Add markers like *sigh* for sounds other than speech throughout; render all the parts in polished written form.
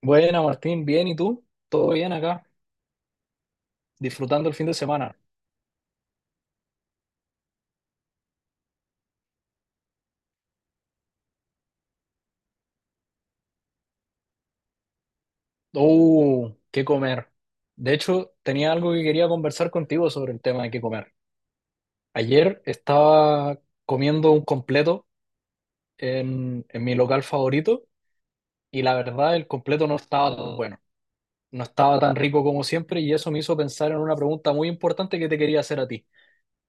Buena, Martín, bien, ¿y tú? ¿Todo bien acá? Disfrutando el fin de semana. ¡Oh! ¿Qué comer? De hecho, tenía algo que quería conversar contigo sobre el tema de qué comer. Ayer estaba comiendo un completo en mi local favorito y la verdad el completo no estaba tan bueno, no estaba tan rico como siempre y eso me hizo pensar en una pregunta muy importante que te quería hacer a ti.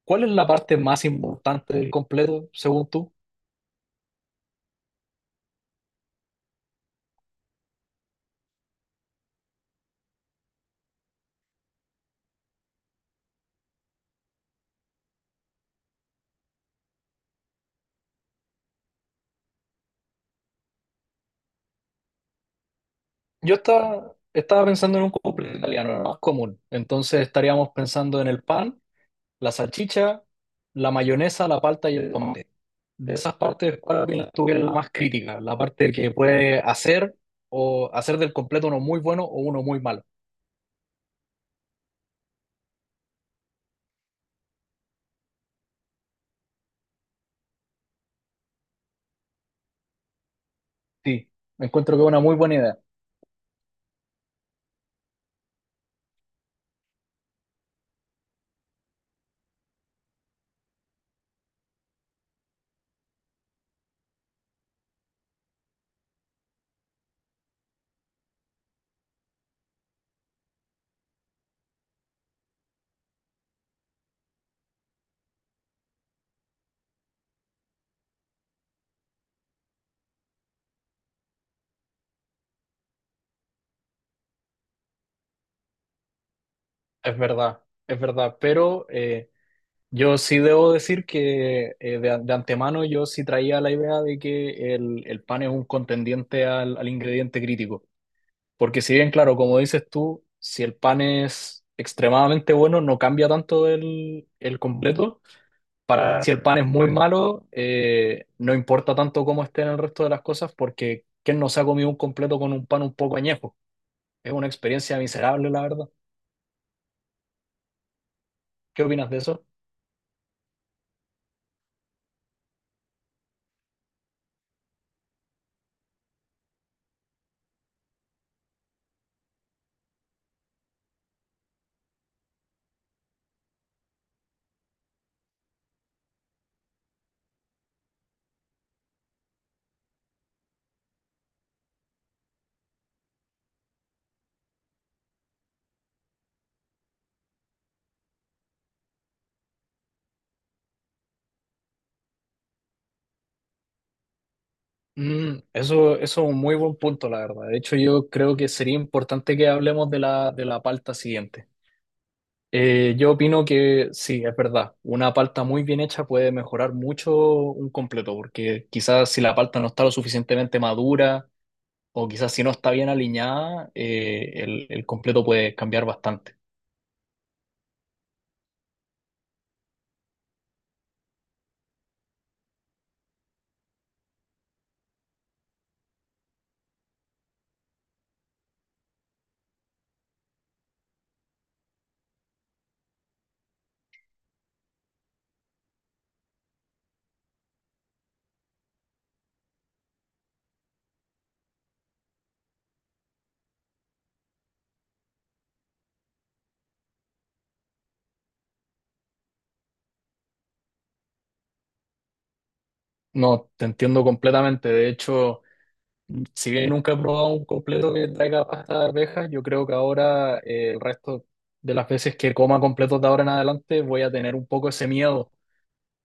¿Cuál es la parte más importante del completo, según tú? Yo estaba pensando en un cumple italiano, lo más común. Entonces estaríamos pensando en el pan, la salchicha, la mayonesa, la palta y el tomate. De esas partes, para mí, la tuve la más crítica, la parte que puede hacer o hacer del completo uno muy bueno o uno muy malo. Sí, me encuentro que es una muy buena idea. Es verdad, pero yo sí debo decir que de antemano yo sí traía la idea de que el pan es un contendiente al al ingrediente crítico. Porque si bien, claro, como dices tú, si el pan es extremadamente bueno, no cambia tanto el completo. Para, si el pan es muy malo, no importa tanto cómo estén el resto de las cosas, porque ¿quién no se ha comido un completo con un pan un poco añejo? Es una experiencia miserable, la verdad. ¿Qué opinas de eso? Mm, eso es un muy buen punto, la verdad. De hecho, yo creo que sería importante que hablemos de la palta siguiente. Yo opino que sí, es verdad. Una palta muy bien hecha puede mejorar mucho un completo, porque quizás si la palta no está lo suficientemente madura o quizás si no está bien alineada, el completo puede cambiar bastante. No, te entiendo completamente. De hecho, si bien nunca he probado un completo que traiga pasta de arvejas, yo creo que ahora el resto de las veces que coma completos de ahora en adelante voy a tener un poco ese miedo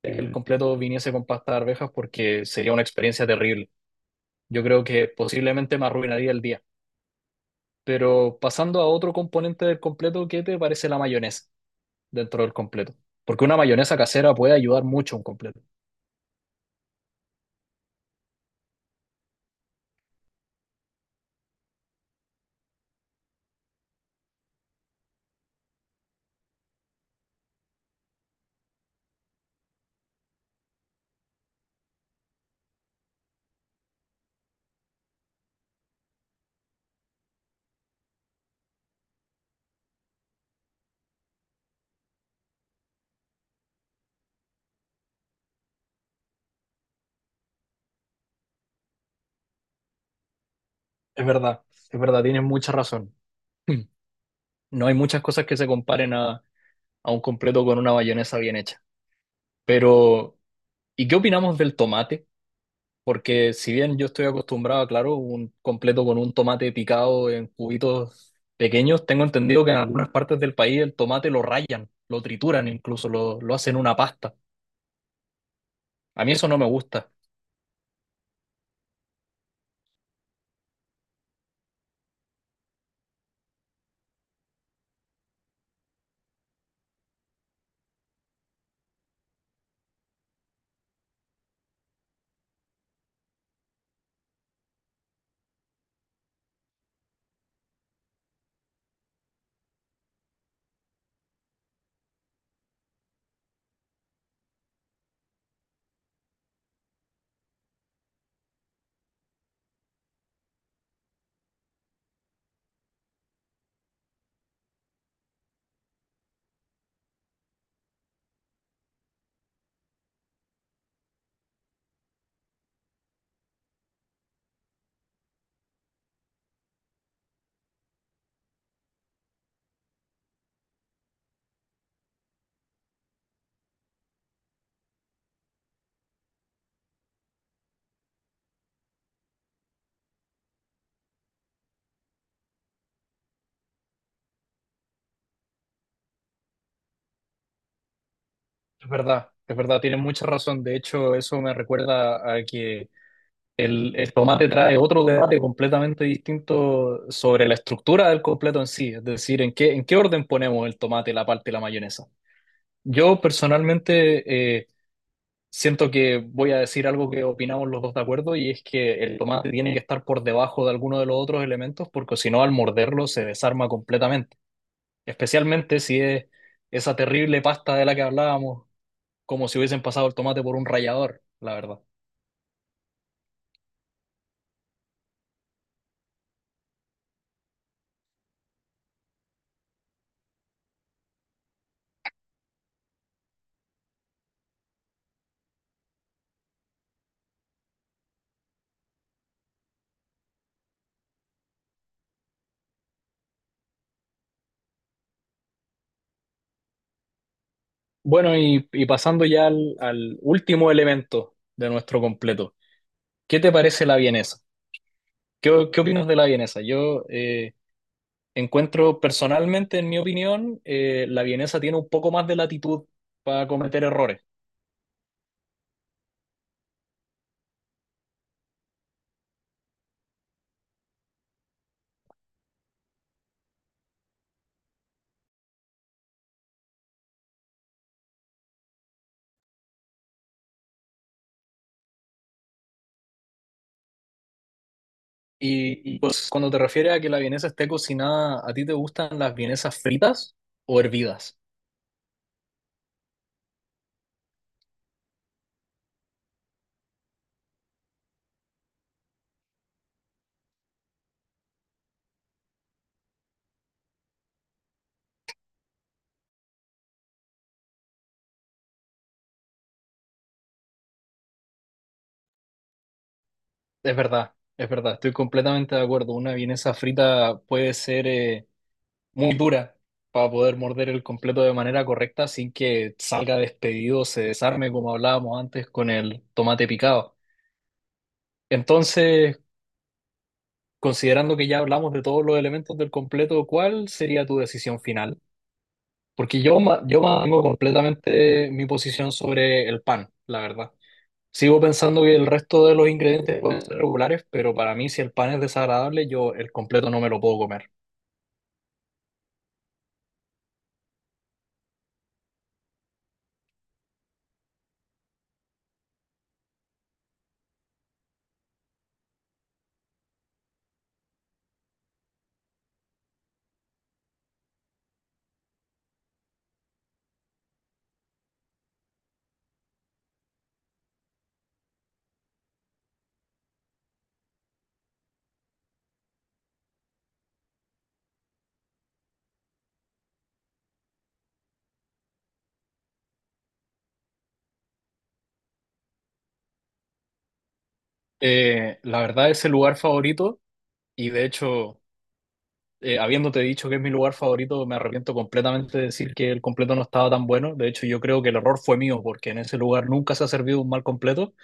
de que el completo viniese con pasta de arvejas porque sería una experiencia terrible. Yo creo que posiblemente me arruinaría el día. Pero pasando a otro componente del completo, ¿qué te parece la mayonesa dentro del completo? Porque una mayonesa casera puede ayudar mucho a un completo. Es verdad, es verdad, tienes mucha razón. *clears throat* No hay muchas cosas que se comparen a un completo con una mayonesa bien hecha. Pero, ¿y qué opinamos del tomate? Porque si bien yo estoy acostumbrado, claro, un completo con un tomate picado en cubitos pequeños, tengo entendido que en algunas partes del país el tomate lo rayan, lo trituran incluso, lo hacen una pasta. A mí eso no me gusta. Es verdad, tienes mucha razón. De hecho, eso me recuerda a que el tomate trae otro debate completamente distinto sobre la estructura del completo en sí. Es decir, en qué orden ponemos el tomate, la parte y la mayonesa. Yo personalmente... eh, siento que voy a decir algo que opinamos los dos de acuerdo y es que el tomate tiene que estar por debajo de alguno de los otros elementos porque si no al morderlo se desarma completamente, especialmente si es esa terrible pasta de la que hablábamos, como si hubiesen pasado el tomate por un rallador, la verdad. Bueno, y pasando ya al, al último elemento de nuestro completo, ¿qué te parece la vienesa? ¿Qué opinas de la vienesa? Yo, encuentro personalmente, en mi opinión, la vienesa tiene un poco más de latitud para cometer errores. Pues cuando te refieres a que la vienesa esté cocinada, ¿a ti te gustan las vienesas fritas o hervidas? Es verdad, estoy completamente de acuerdo. Una vienesa frita puede ser muy dura para poder morder el completo de manera correcta sin que salga despedido, se desarme, como hablábamos antes con el tomate picado. Entonces, considerando que ya hablamos de todos los elementos del completo, ¿cuál sería tu decisión final? Porque yo, yo mantengo completamente mi posición sobre el pan, la verdad. Sigo pensando que el resto de los ingredientes pueden ser regulares, pero para mí si el pan es desagradable, yo el completo no me lo puedo comer. La verdad es el lugar favorito y de hecho, habiéndote dicho que es mi lugar favorito, me arrepiento completamente de decir que el completo no estaba tan bueno. De hecho, yo creo que el error fue mío porque en ese lugar nunca se ha servido un mal completo.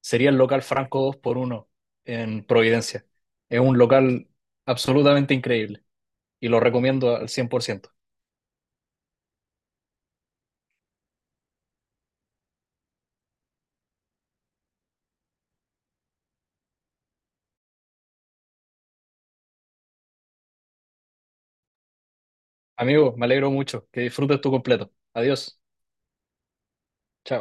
Sería el local Franco 2 por uno en Providencia. Es un local absolutamente increíble y lo recomiendo al 100%. Amigo, me alegro mucho. Que disfrutes tu completo. Adiós. Chao.